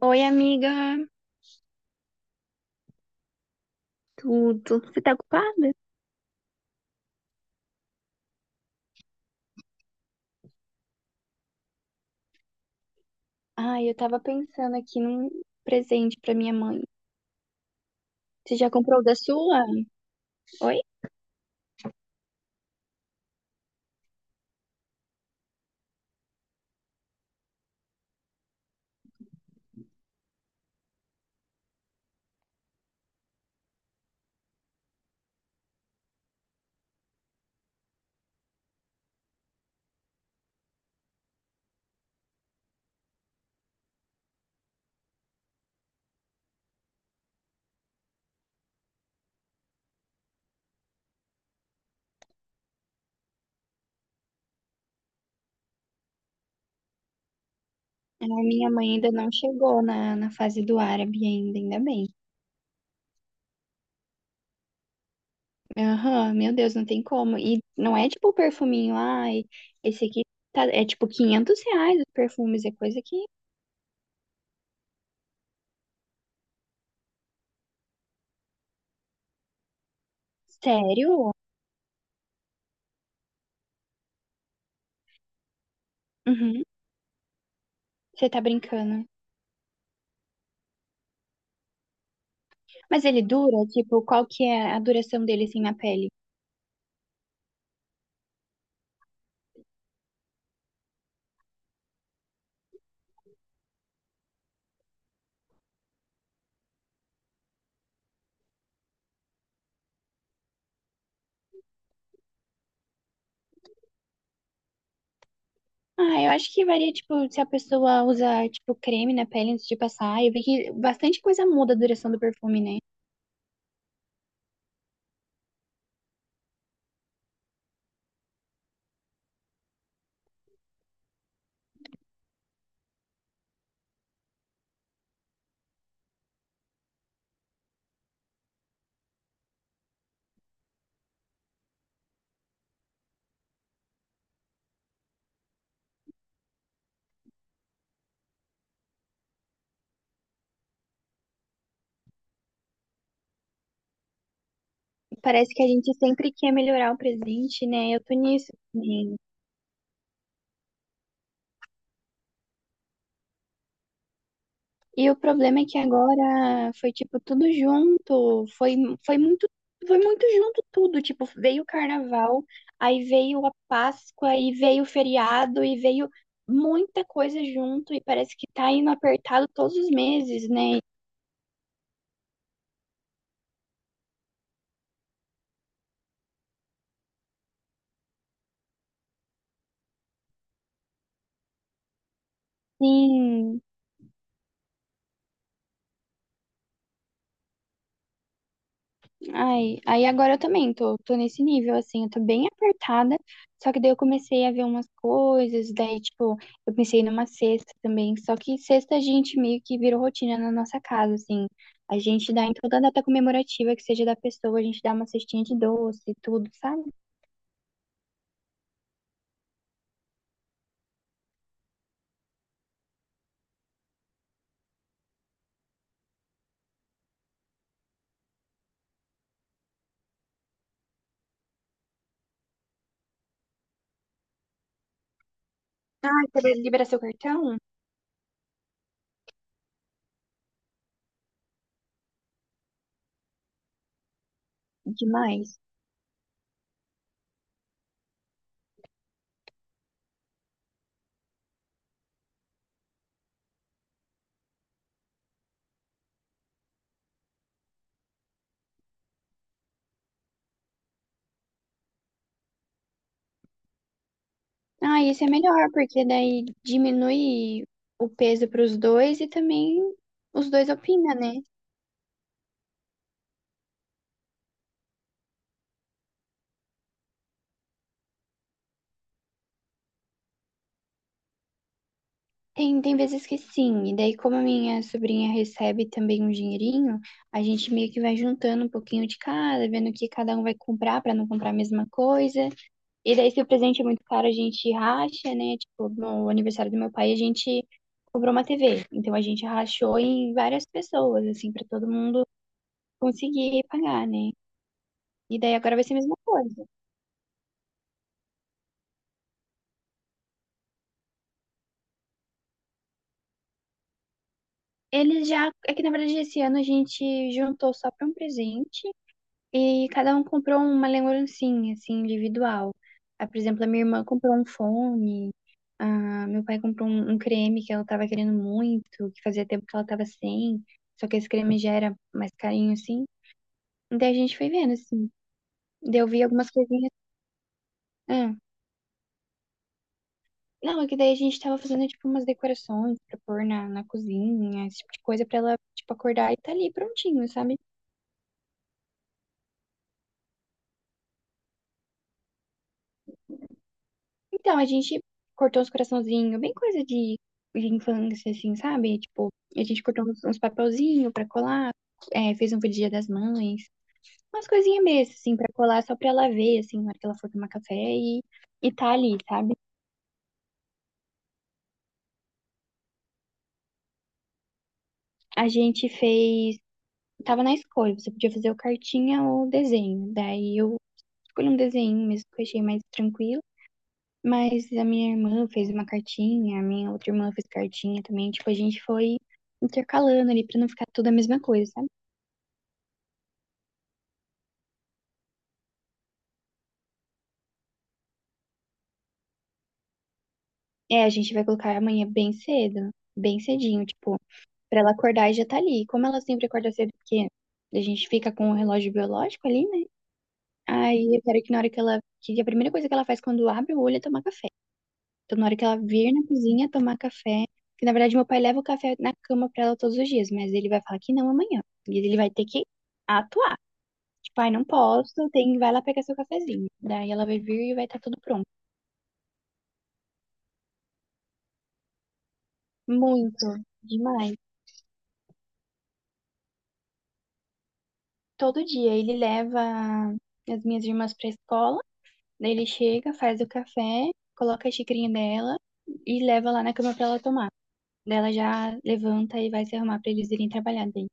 Oi, amiga. Tudo. Você tá ocupada? Ai, eu tava pensando aqui num presente pra minha mãe. Você já comprou o da sua? Oi? A minha mãe ainda não chegou na fase do árabe ainda, ainda bem. Aham, meu Deus, não tem como. E não é tipo o perfuminho, ai, esse aqui tá, é tipo R$ 500 os perfumes, é coisa que... Sério? Uhum, você tá brincando. Mas ele dura? Tipo, qual que é a duração dele assim na pele? Ah, eu acho que varia, tipo, se a pessoa usa, tipo, creme na pele antes de passar. Eu vi que bastante coisa muda a duração do perfume, né? Parece que a gente sempre quer melhorar o presente, né? Eu tô nisso. E o problema é que agora foi tipo tudo junto, foi muito, foi muito junto tudo, tipo, veio o carnaval, aí veio a Páscoa, e veio o feriado, e veio muita coisa junto, e parece que tá indo apertado todos os meses, né? Sim. Ai, aí agora eu também tô nesse nível, assim, eu tô bem apertada, só que daí eu comecei a ver umas coisas, daí, tipo, eu pensei numa cesta também, só que cesta a gente meio que virou rotina na nossa casa, assim, a gente dá em toda data comemorativa que seja da pessoa, a gente dá uma cestinha de doce e tudo, sabe? Ah, você libera seu cartão? Demais. Ah, isso é melhor, porque daí diminui o peso para os dois e também os dois opinam, né? Tem vezes que sim, e daí como a minha sobrinha recebe também um dinheirinho, a gente meio que vai juntando um pouquinho de cada, vendo o que cada um vai comprar para não comprar a mesma coisa. E daí se o presente é muito caro, a gente racha, né? Tipo, no aniversário do meu pai, a gente comprou uma TV. Então a gente rachou em várias pessoas, assim, para todo mundo conseguir pagar, né? E daí agora vai ser a mesma coisa. Eles já, é que na verdade esse ano a gente juntou só para um presente. E cada um comprou uma lembrancinha, assim, individual. Ah, por exemplo, a minha irmã comprou um fone, ah, meu pai comprou um creme que ela tava querendo muito, que fazia tempo que ela tava sem, só que esse creme já era mais carinho, assim. E daí a gente foi vendo, assim. Daí eu vi algumas coisinhas. Ah, não, é que daí a gente tava fazendo, tipo, umas decorações pra pôr na cozinha, esse tipo de coisa pra ela, tipo, acordar e tá ali prontinho, sabe? Então, a gente cortou uns coraçãozinhos, bem coisa de infância, assim, sabe? Tipo, a gente cortou uns papelzinhos pra colar, fez um pro Dia das Mães, umas coisinhas mesmo, assim, pra colar só pra ela ver, assim, na hora que ela for tomar café e tá ali, sabe? A gente fez. Tava na escolha, você podia fazer o cartinha ou o desenho. Daí eu escolhi um desenho mesmo que eu achei mais tranquilo. Mas a minha irmã fez uma cartinha, a minha outra irmã fez cartinha também. Tipo, a gente foi intercalando ali pra não ficar tudo a mesma coisa, sabe? É, a gente vai colocar amanhã bem cedo, bem cedinho, tipo, pra ela acordar e já tá ali. Como ela sempre acorda cedo, porque a gente fica com o relógio biológico ali, né? Aí eu quero que na hora que ela. Que a primeira coisa que ela faz quando abre o olho é tomar café. Então, na hora que ela vir na cozinha tomar café. Que na verdade meu pai leva o café na cama pra ela todos os dias, mas ele vai falar que não amanhã. E ele vai ter que atuar. Tipo, ai, não posso, tem, vai lá pegar seu cafezinho. Daí ela vai vir e vai estar tudo pronto. Muito, demais. Todo dia ele leva as minhas irmãs pra escola, daí ele chega, faz o café, coloca a xicrinha dela e leva lá na cama pra ela tomar. Daí ela já levanta e vai se arrumar pra eles irem trabalhar daí.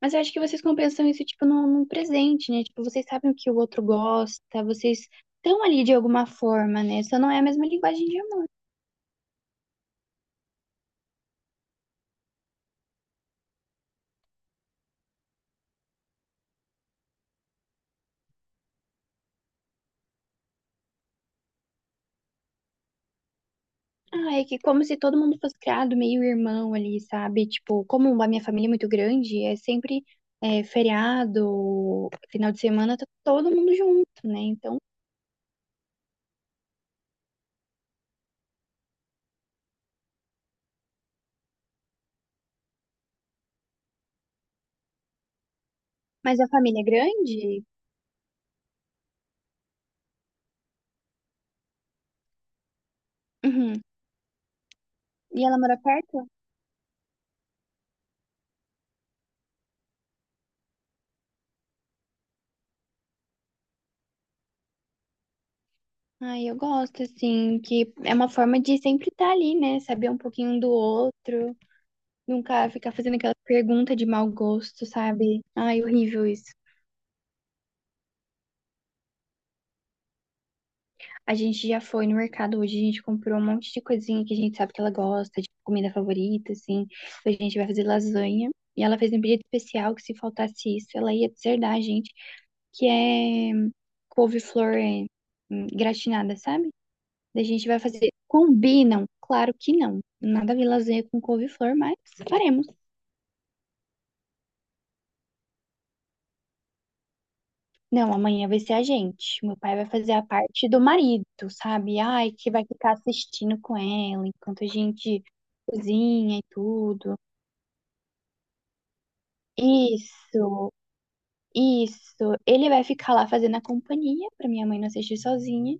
Mas eu acho que vocês compensam isso, tipo, num presente, né? Tipo, vocês sabem o que o outro gosta, vocês estão ali de alguma forma, né? Só não é a mesma linguagem de. Ah, é que como se todo mundo fosse criado meio irmão ali, sabe? Tipo, como a minha família é muito grande, é sempre feriado, final de semana, tá todo mundo junto, né? Então, mas a família é grande? Uhum. E ela mora perto? Ai, eu gosto, assim, que é uma forma de sempre estar ali, né? Saber um pouquinho um do outro, nunca ficar fazendo aquela pergunta de mau gosto, sabe? Ai, horrível isso. A gente já foi no mercado hoje, a gente comprou um monte de coisinha que a gente sabe que ela gosta, de comida favorita, assim. Hoje a gente vai fazer lasanha. E ela fez um pedido especial que se faltasse isso, ela ia deserdar a gente, que é couve-flor gratinada, sabe? Daí a gente vai fazer. Combinam? Claro que não. Nada a ver lasanha com couve-flor, mas faremos. Não, amanhã vai ser a gente. Meu pai vai fazer a parte do marido, sabe? Ai, que vai ficar assistindo com ela enquanto a gente cozinha e tudo. Isso, isso. Ele vai ficar lá fazendo a companhia pra minha mãe não assistir sozinha.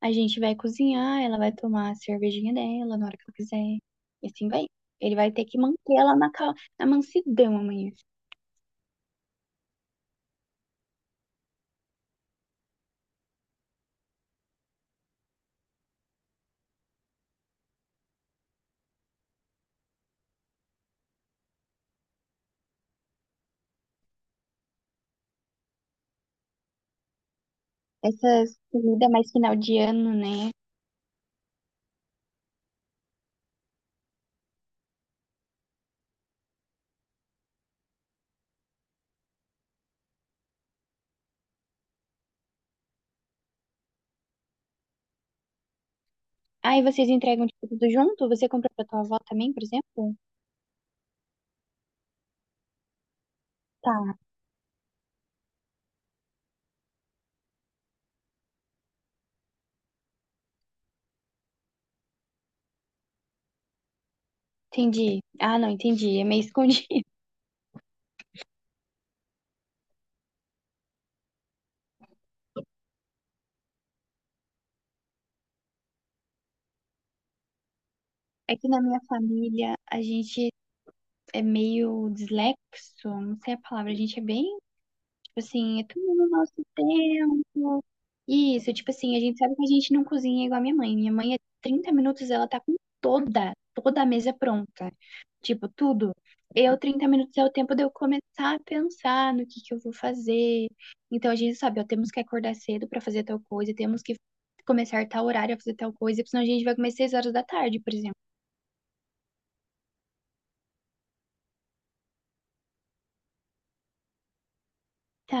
A gente vai cozinhar, ela vai tomar a cervejinha dela na hora que ela quiser. E assim vai. Ele vai ter que manter ela na, na mansidão amanhã. Essas comidas mais final de ano, né? Aí vocês entregam tipo, tudo junto? Você compra pra tua avó também, por exemplo? Tá, entendi. Ah, não, entendi. É meio escondido. É que na minha família a gente é meio dislexo, não sei a palavra, a gente é bem, tipo assim, é tudo no nosso tempo. Isso, tipo assim, a gente sabe que a gente não cozinha igual a minha mãe. Minha mãe, é 30 minutos, ela tá com toda a mesa pronta. Tipo, tudo. Eu, 30 minutos é o tempo de eu começar a pensar no que eu vou fazer. Então, a gente sabe, ó, temos que acordar cedo pra fazer tal coisa, temos que começar tal horário a fazer tal coisa, porque senão a gente vai comer 6 horas da tarde, por exemplo. Tá,